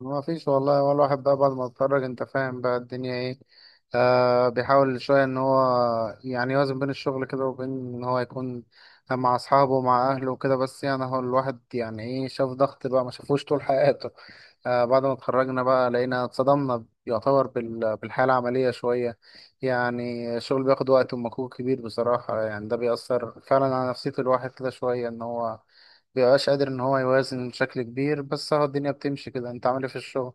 ما فيش والله، هو الواحد بقى بعد ما اتخرج انت فاهم بقى الدنيا ايه. آه، بيحاول شوية ان هو يعني يوازن بين الشغل كده وبين ان هو يكون مع اصحابه ومع اهله وكده، بس يعني هو الواحد يعني ايه، شاف ضغط بقى ما شافوش طول حياته. آه، بعد ما اتخرجنا بقى لقينا اتصدمنا يعتبر بالحياة العملية شوية. يعني الشغل بياخد وقت ومجهود كبير بصراحة، يعني ده بيأثر فعلا على نفسية الواحد كده شوية، إن هو مبيبقاش قادر إن هو يوازن بشكل كبير، بس هو الدنيا بتمشي كده. أنت عامل إيه في الشغل؟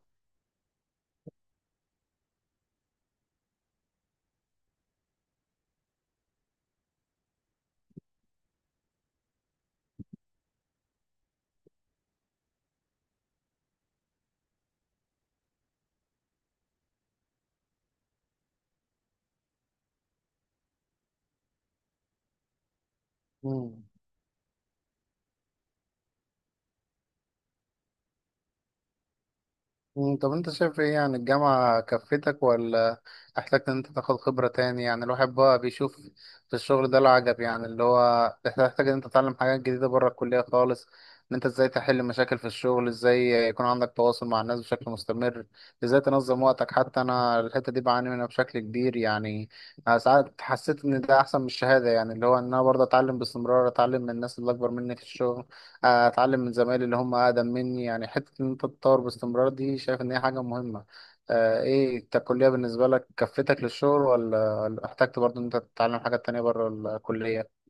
طب انت شايف ايه، يعني الجامعة كفتك ولا احتجت ان انت تاخد خبرة تاني؟ يعني الواحد بقى بيشوف في الشغل ده العجب، يعني اللي هو تحتاج ان انت تتعلم حاجات جديدة بره الكلية خالص، ان انت ازاي تحل مشاكل في الشغل، ازاي يكون عندك تواصل مع الناس بشكل مستمر، ازاي تنظم وقتك. حتى انا الحتة دي بعاني منها بشكل كبير يعني. أنا ساعات حسيت ان ده احسن من الشهادة، يعني اللي هو ان انا برضه اتعلم باستمرار، اتعلم من الناس اللي اكبر مني في الشغل، اتعلم من زمايلي اللي هم اقدم مني. يعني حته ان انت تتطور باستمرار دي شايف ان هي حاجه مهمه. آه، ايه أنت الكليه بالنسبه لك كفتك للشغل، ولا احتجت برضو ان انت تتعلم حاجات تانية بره الكليه؟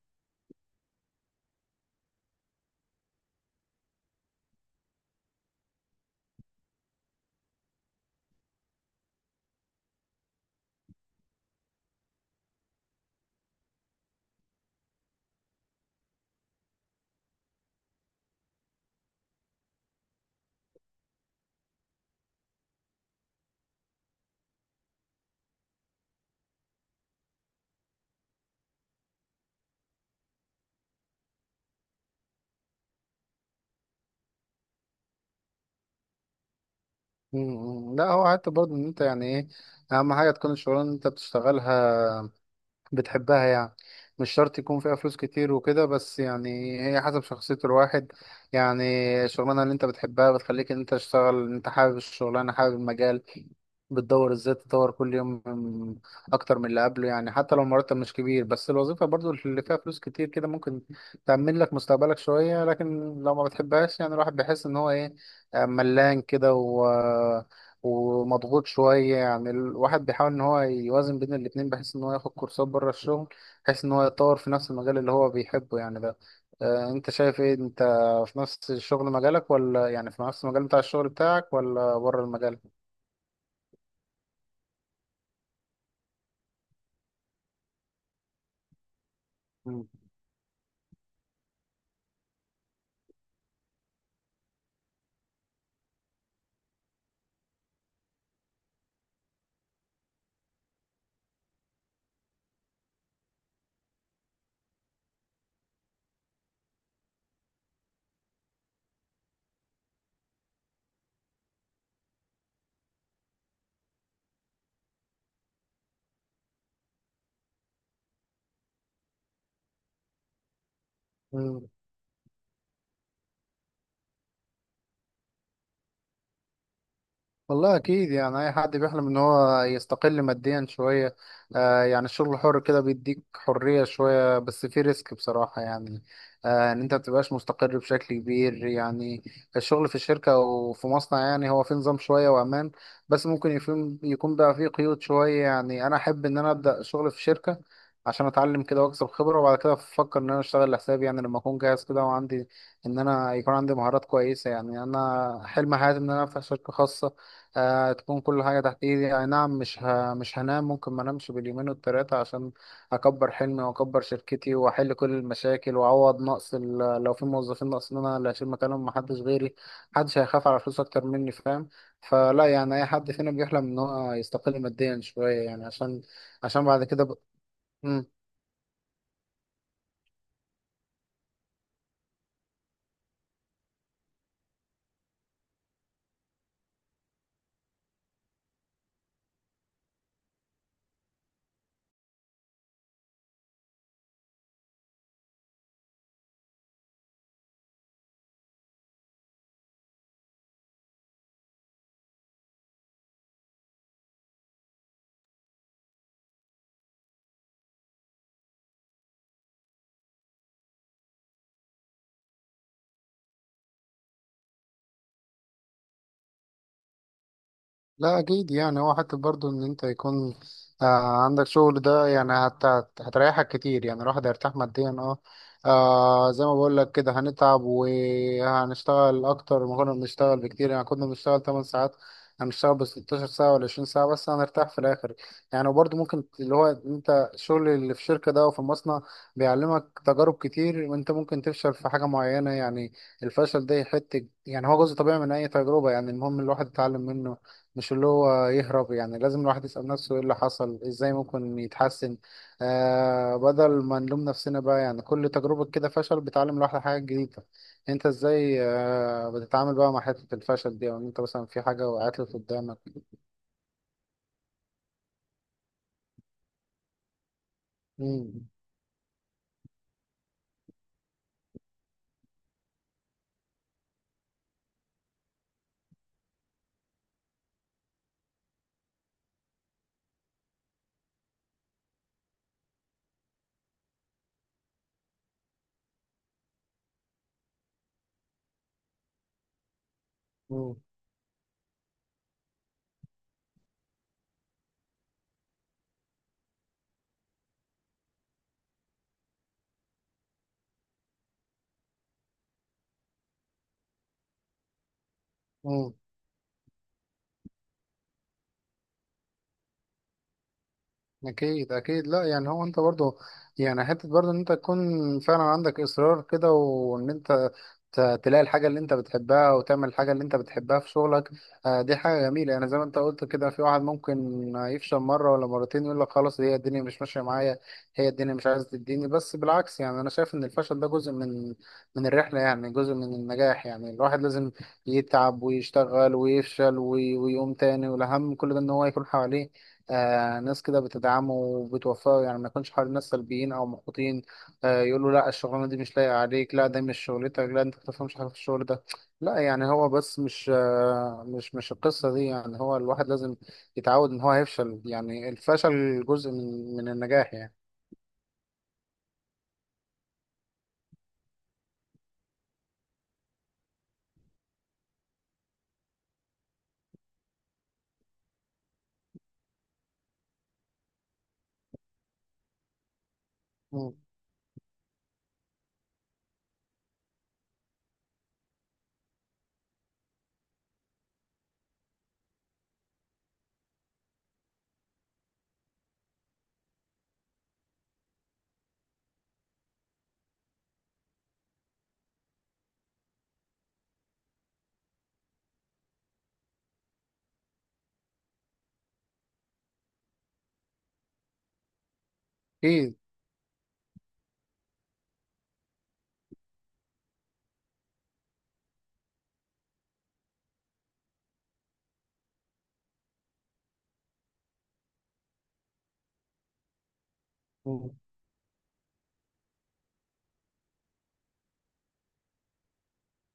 مم، لا هو حتى برضو ان انت يعني ايه، اهم حاجه تكون الشغلانه اللي انت بتشتغلها بتحبها يعني. مش شرط يكون فيها فلوس كتير وكده، بس يعني هي حسب شخصية الواحد يعني. الشغلانة اللي انت بتحبها بتخليك ان انت تشتغل، انت حابب الشغلانة، حابب المجال، بتدور ازاي تطور كل يوم اكتر من اللي قبله. يعني حتى لو المرتب مش كبير، بس الوظيفة برضو اللي فيها فلوس كتير كده ممكن تأمن لك مستقبلك شوية، لكن لو ما بتحبهاش يعني الواحد بيحس ان هو ايه، آه، ملان كده ومضغوط شوية. يعني الواحد بيحاول إن هو يوازن بين الاتنين، بحيث إن هو ياخد كورسات بره الشغل، بحيث إن هو يتطور في نفس المجال اللي هو بيحبه يعني ده. آه، أنت شايف إيه أنت، في نفس الشغل مجالك، ولا يعني في نفس المجال بتاع الشغل بتاعك، ولا بره المجال؟ مم. والله اكيد يعني اي حد بيحلم ان هو يستقل ماديا شويه. آه، يعني الشغل الحر كده بيديك حريه شويه، بس في ريسك بصراحه. يعني آه، ان انت متبقاش مستقر بشكل كبير يعني. الشغل في الشركه او في مصنع يعني هو في نظام شويه وامان، بس ممكن يكون بقى فيه قيود شويه. يعني انا احب ان انا ابدا شغل في شركه عشان اتعلم كده واكسب خبره، وبعد كده افكر ان انا اشتغل لحسابي، يعني لما اكون جاهز كده وعندي ان انا يكون عندي مهارات كويسه. يعني انا حلم حياتي ان انا افتح شركه خاصه، آه، تكون كل حاجة تحت ايدي. اي نعم مش مش هنام، ممكن ما انامش باليومين والتلاتة عشان اكبر حلمي واكبر شركتي واحل كل المشاكل واعوض نقص لو في موظفين ناقصين انا اللي هشيل مكانهم، محدش غيري، محدش هيخاف على فلوس اكتر مني فاهم؟ فلا يعني اي حد فينا بيحلم ان هو يستقل ماديا شوية يعني، عشان عشان بعد كده ب... لا اكيد. يعني هو حتى برضو ان انت يكون آه عندك شغل ده، يعني هتريحك كتير، يعني الواحد هيرتاح ماديا اه. آه، زي ما بقول لك كده، هنتعب وهنشتغل اكتر ما كنا بنشتغل بكتير. يعني كنا بنشتغل 8 ساعات، هنشتغل ب 16 ساعة ولا 20 ساعة، بس هنرتاح في الاخر يعني. وبرضو ممكن اللي هو انت الشغل اللي في الشركة ده او في المصنع بيعلمك تجارب كتير. انت ممكن تفشل في حاجة معينة يعني، الفشل ده يحتك، يعني هو جزء طبيعي من اي تجربة. يعني المهم الواحد يتعلم منه مش اللي هو يهرب. يعني لازم الواحد يسأل نفسه ايه اللي حصل، ازاي ممكن يتحسن، آه، بدل ما نلوم نفسنا بقى. يعني كل تجربة كده فشل بتعلم الواحد حاجة جديدة. انت ازاي آه بتتعامل بقى مع حتة الفشل دي، او ان انت مثلا في حاجة وقعت لك قدامك؟ مم. مم. مم. اكيد اكيد. لا يعني هو انت برضو، يعني حته برضو ان انت تكون فعلا عندك اصرار كده، وان انت تلاقي الحاجه اللي انت بتحبها وتعمل الحاجه اللي انت بتحبها في شغلك، آه، دي حاجه جميله. يعني زي ما انت قلت كده، في واحد ممكن يفشل مره ولا مرتين يقول لك خلاص هي الدنيا مش ماشيه معايا، هي الدنيا مش عايزه تديني، بس بالعكس، يعني انا شايف ان الفشل ده جزء من الرحله، يعني جزء من النجاح. يعني الواحد لازم يتعب ويشتغل ويفشل ويقوم تاني، والاهم من كل ده ان هو يكون حواليه آه ناس كده بتدعمه وبتوفقه، يعني ما يكونش حوالين ناس سلبيين او محبطين، آه، يقولوا لا الشغلانه دي مش لايقه عليك، لا ده مش شغلتك، لا انت ما بتفهمش حاجه في الشغل ده. لا، يعني هو بس مش آه مش القصه دي، يعني هو الواحد لازم يتعود ان هو هيفشل، يعني الفشل جزء من النجاح يعني. مم. اكيد. مم.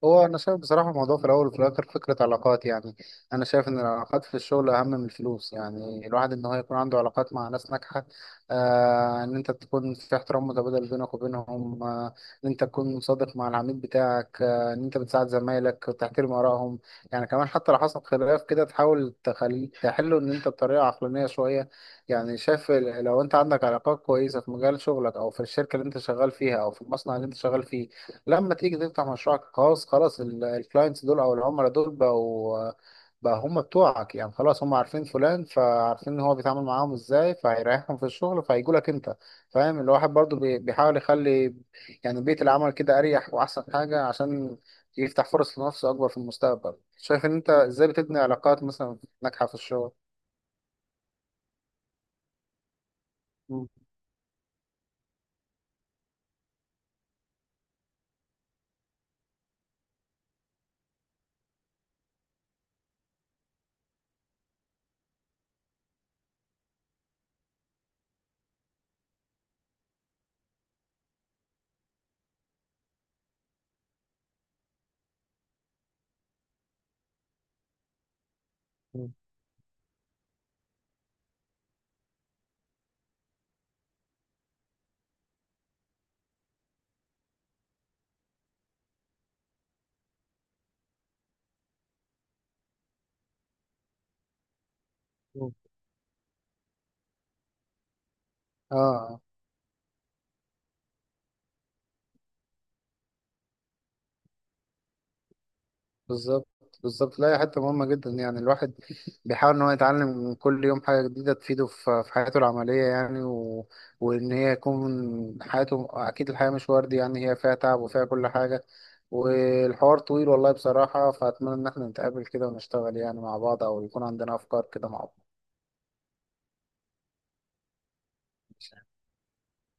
هو انا شايف بصراحه الموضوع في الاول وفي الاخر فكره علاقات. يعني انا شايف ان العلاقات في الشغل اهم من الفلوس، يعني الواحد ان هو يكون عنده علاقات مع ناس ناجحه، آه، ان انت تكون في احترام متبادل بينك وبينهم، آه، ان انت تكون صادق مع العميل بتاعك، آه، ان انت بتساعد زمايلك وتحترم ارائهم. يعني كمان حتى لو حصل خلاف كده تحاول تخلي تحله ان انت بطريقه عقلانيه شويه. يعني شايف لو انت عندك علاقات كويسه في مجال شغلك او في الشركه اللي انت شغال فيها او في المصنع اللي انت شغال فيه، لما تيجي تفتح مشروعك الخاص خلاص الكلاينتس دول او العملاء دول بقوا بقى هم بتوعك. يعني خلاص هم عارفين فلان، فعارفين ان هو بيتعامل معاهم ازاي، فهيريحهم في الشغل، فهيجوا لك انت فاهم. الواحد برضو بيحاول يخلي يعني بيئة العمل كده اريح واحسن حاجة عشان يفتح فرص لنفسه اكبر في المستقبل. شايف ان انت ازاي بتبني علاقات مثلا ناجحة في الشغل؟ مم. مم. مم. اه. بالظبط. بالظبط. لا هي حتة مهمة جدا، يعني الواحد بيحاول إن هو يتعلم كل يوم حاجة جديدة تفيده في في حياته العملية يعني، وإن هي يكون حياته. أكيد الحياة مش وردي، يعني هي فيها تعب وفيها كل حاجة، والحوار طويل والله بصراحة. فأتمنى إن احنا نتقابل كده ونشتغل يعني مع بعض، أو يكون عندنا أفكار كده مع بعض.